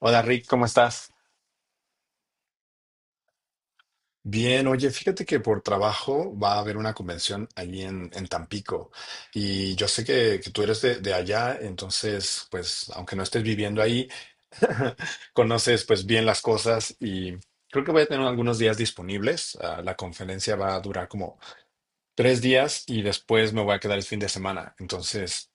Hola Rick, ¿cómo estás? Bien, oye, fíjate que por trabajo va a haber una convención allí en Tampico y yo sé que tú eres de allá, entonces, pues, aunque no estés viviendo ahí, conoces pues bien las cosas y creo que voy a tener algunos días disponibles. Ah, la conferencia va a durar como 3 días y después me voy a quedar el fin de semana, entonces.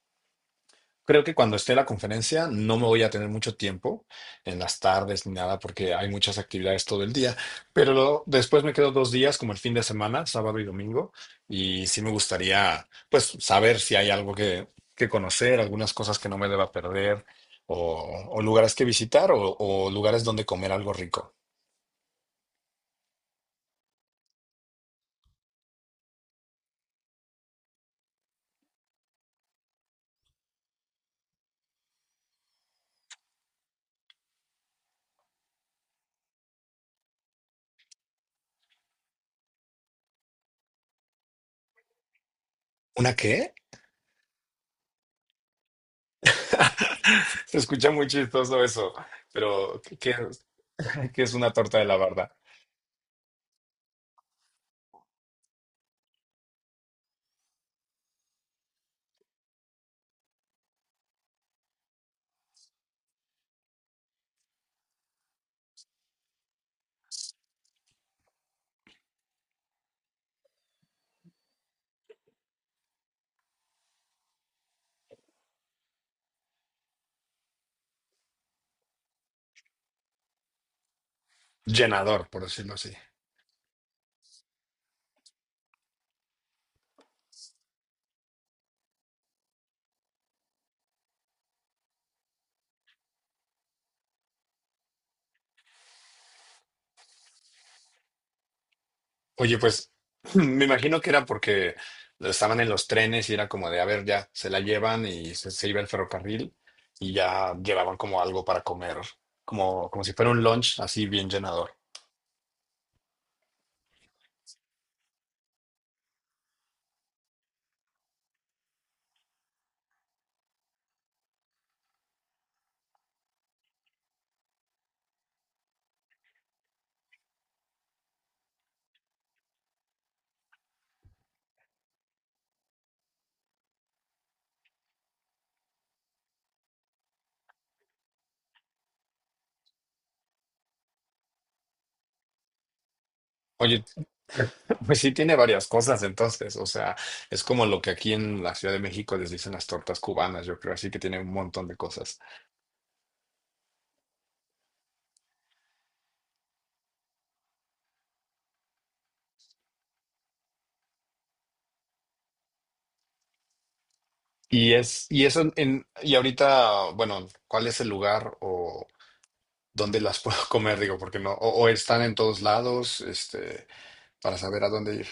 Creo que cuando esté la conferencia no me voy a tener mucho tiempo en las tardes ni nada porque hay muchas actividades todo el día, pero después me quedo 2 días como el fin de semana, sábado y domingo, y sí me gustaría pues saber si hay algo que conocer, algunas cosas que no me deba perder o lugares que visitar o lugares donde comer algo rico. ¿Una qué? Se escucha muy chistoso eso, pero ¿qué es una torta de la barda? Llenador, por decirlo así. Oye, pues me imagino que era porque estaban en los trenes y era como de, a ver, ya se la llevan y se iba el ferrocarril y ya llevaban como algo para comer, como si fuera un lunch así bien llenador. Oye, pues sí tiene varias cosas entonces, o sea, es como lo que aquí en la Ciudad de México les dicen las tortas cubanas, yo creo, así que tiene un montón de cosas. Y es, y eso en, y ahorita, bueno, ¿cuál es el lugar o dónde las puedo comer? Digo, porque no, o están en todos lados, este. Para saber a dónde ir.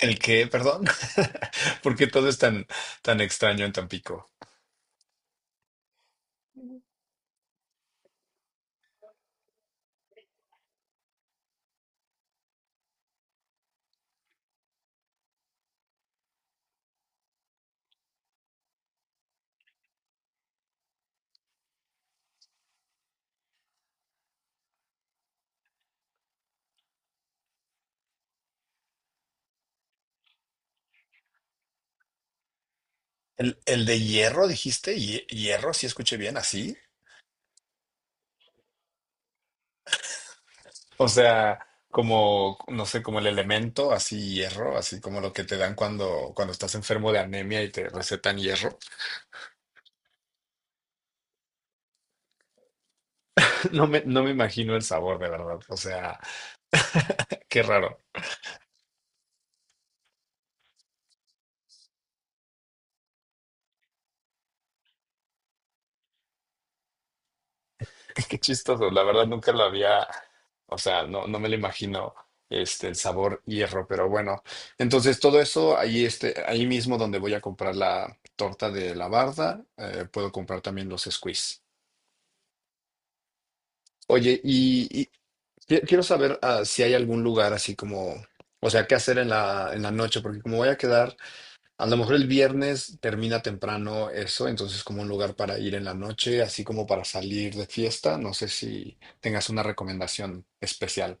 ¿El qué? Perdón. ¿Porque todo es tan, tan extraño en Tampico? ¿El de hierro, dijiste? ¿Hierro? Si escuché bien, así. O sea, como, no sé, como el elemento, así hierro, así como lo que te dan cuando, cuando estás enfermo de anemia y te recetan hierro. No me imagino el sabor, de verdad. O sea, qué raro. Qué chistoso, la verdad nunca lo había, o sea, no, no me lo imagino este, el sabor hierro, pero bueno, entonces todo eso ahí, este, ahí mismo donde voy a comprar la torta de la barda, puedo comprar también los squeeze. Oye, quiero saber ah, si hay algún lugar así como, o sea, qué hacer en la noche, porque como voy a quedar a lo mejor el viernes termina temprano eso, entonces como un lugar para ir en la noche, así como para salir de fiesta. No sé si tengas una recomendación especial.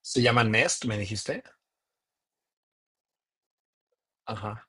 Se llama Nest, me dijiste. Ajá.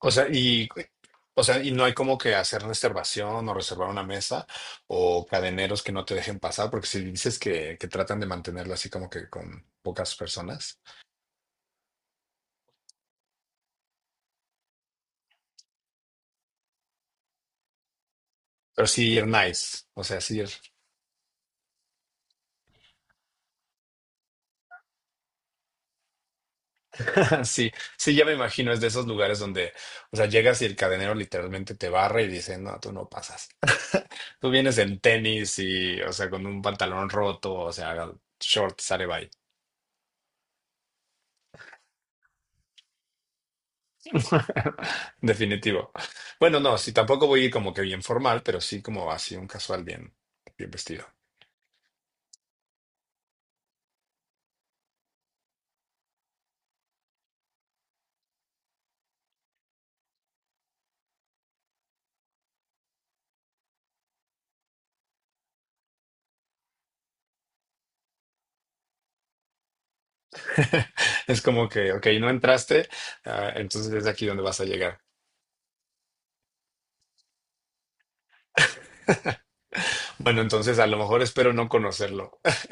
O sea, y, o sea, y no hay como que hacer reservación o reservar una mesa o cadeneros que no te dejen pasar, porque si dices que tratan de mantenerlo así como que con pocas personas, pero sí ir nice, o sea, sí ir. Sí, sí, ya me imagino, es de esos lugares donde, o sea, llegas y el cadenero literalmente te barre y dice, no, tú no pasas. Tú vienes en tenis y, o sea, con un pantalón roto, o sea, short, sale bye. Definitivo. Bueno, no, sí, tampoco voy a ir como que bien formal, pero sí como así un casual bien, bien vestido. Es como que, ok, no entraste, ah, entonces es aquí donde vas a llegar. Bueno, entonces a lo mejor espero no conocerlo.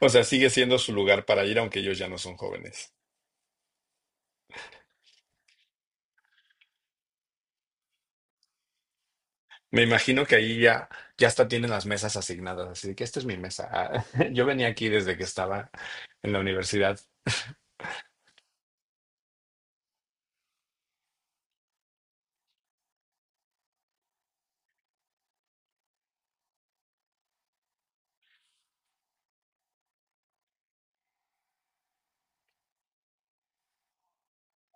O sea, sigue siendo su lugar para ir, aunque ellos ya no son jóvenes. Me imagino que ahí ya, ya hasta tienen las mesas asignadas, así de que esta es mi mesa. Ah, yo venía aquí desde que estaba en la universidad.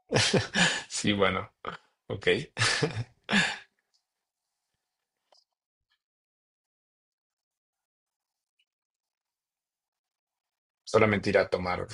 Sí, bueno, ok. Solamente ir a tomar.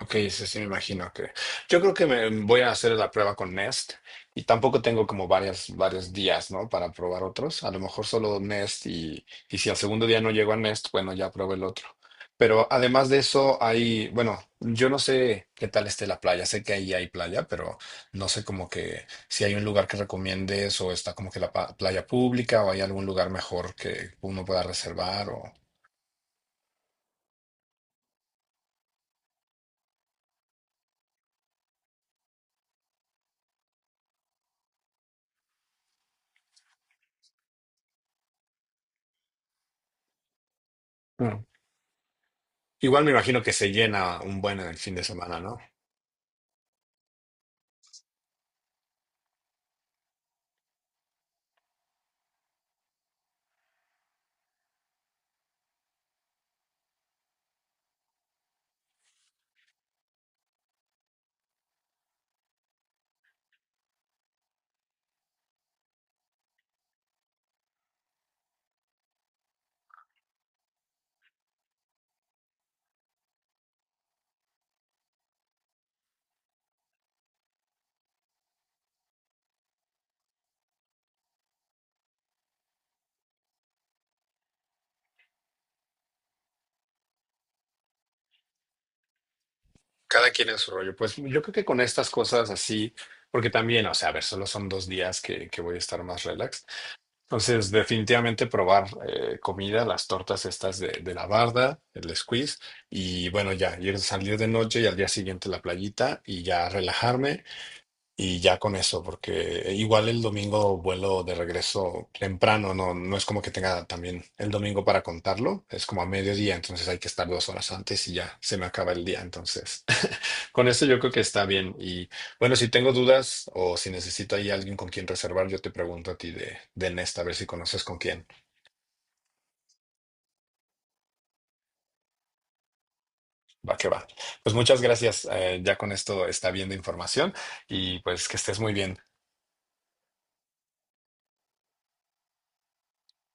Ok, sí, sí, me imagino que. Yo creo que me voy a hacer la prueba con Nest y tampoco tengo como varias, varios días, ¿no? Para probar otros. A lo mejor solo Nest y si al segundo día no llego a Nest, bueno, ya pruebo el otro. Pero además de eso, hay, bueno, yo no sé qué tal esté la playa. Sé que ahí hay playa, pero no sé como que si hay un lugar que recomiendes o está como que la playa pública o hay algún lugar mejor que uno pueda reservar o. Claro. Igual me imagino que se llena un buen el fin de semana, ¿no? Cada quien en su rollo. Pues yo creo que con estas cosas así, porque también, o sea, a ver, solo son 2 días que voy a estar más relax. Entonces, definitivamente probar comida, las tortas estas de la barda, el squeeze, y bueno, ya, ir a salir de noche y al día siguiente la playita y ya relajarme y ya con eso, porque igual el domingo vuelo de regreso temprano, no, no es como que tenga también el domingo para contarlo, es como a mediodía, entonces hay que estar 2 horas antes y ya se me acaba el día, entonces. Con eso yo creo que está bien. Y bueno, si tengo dudas o si necesito ahí alguien con quien reservar, yo te pregunto a ti de Nesta, a ver si conoces con quién. Va que va. Pues muchas gracias. Ya con esto está bien de información y pues que estés muy bien.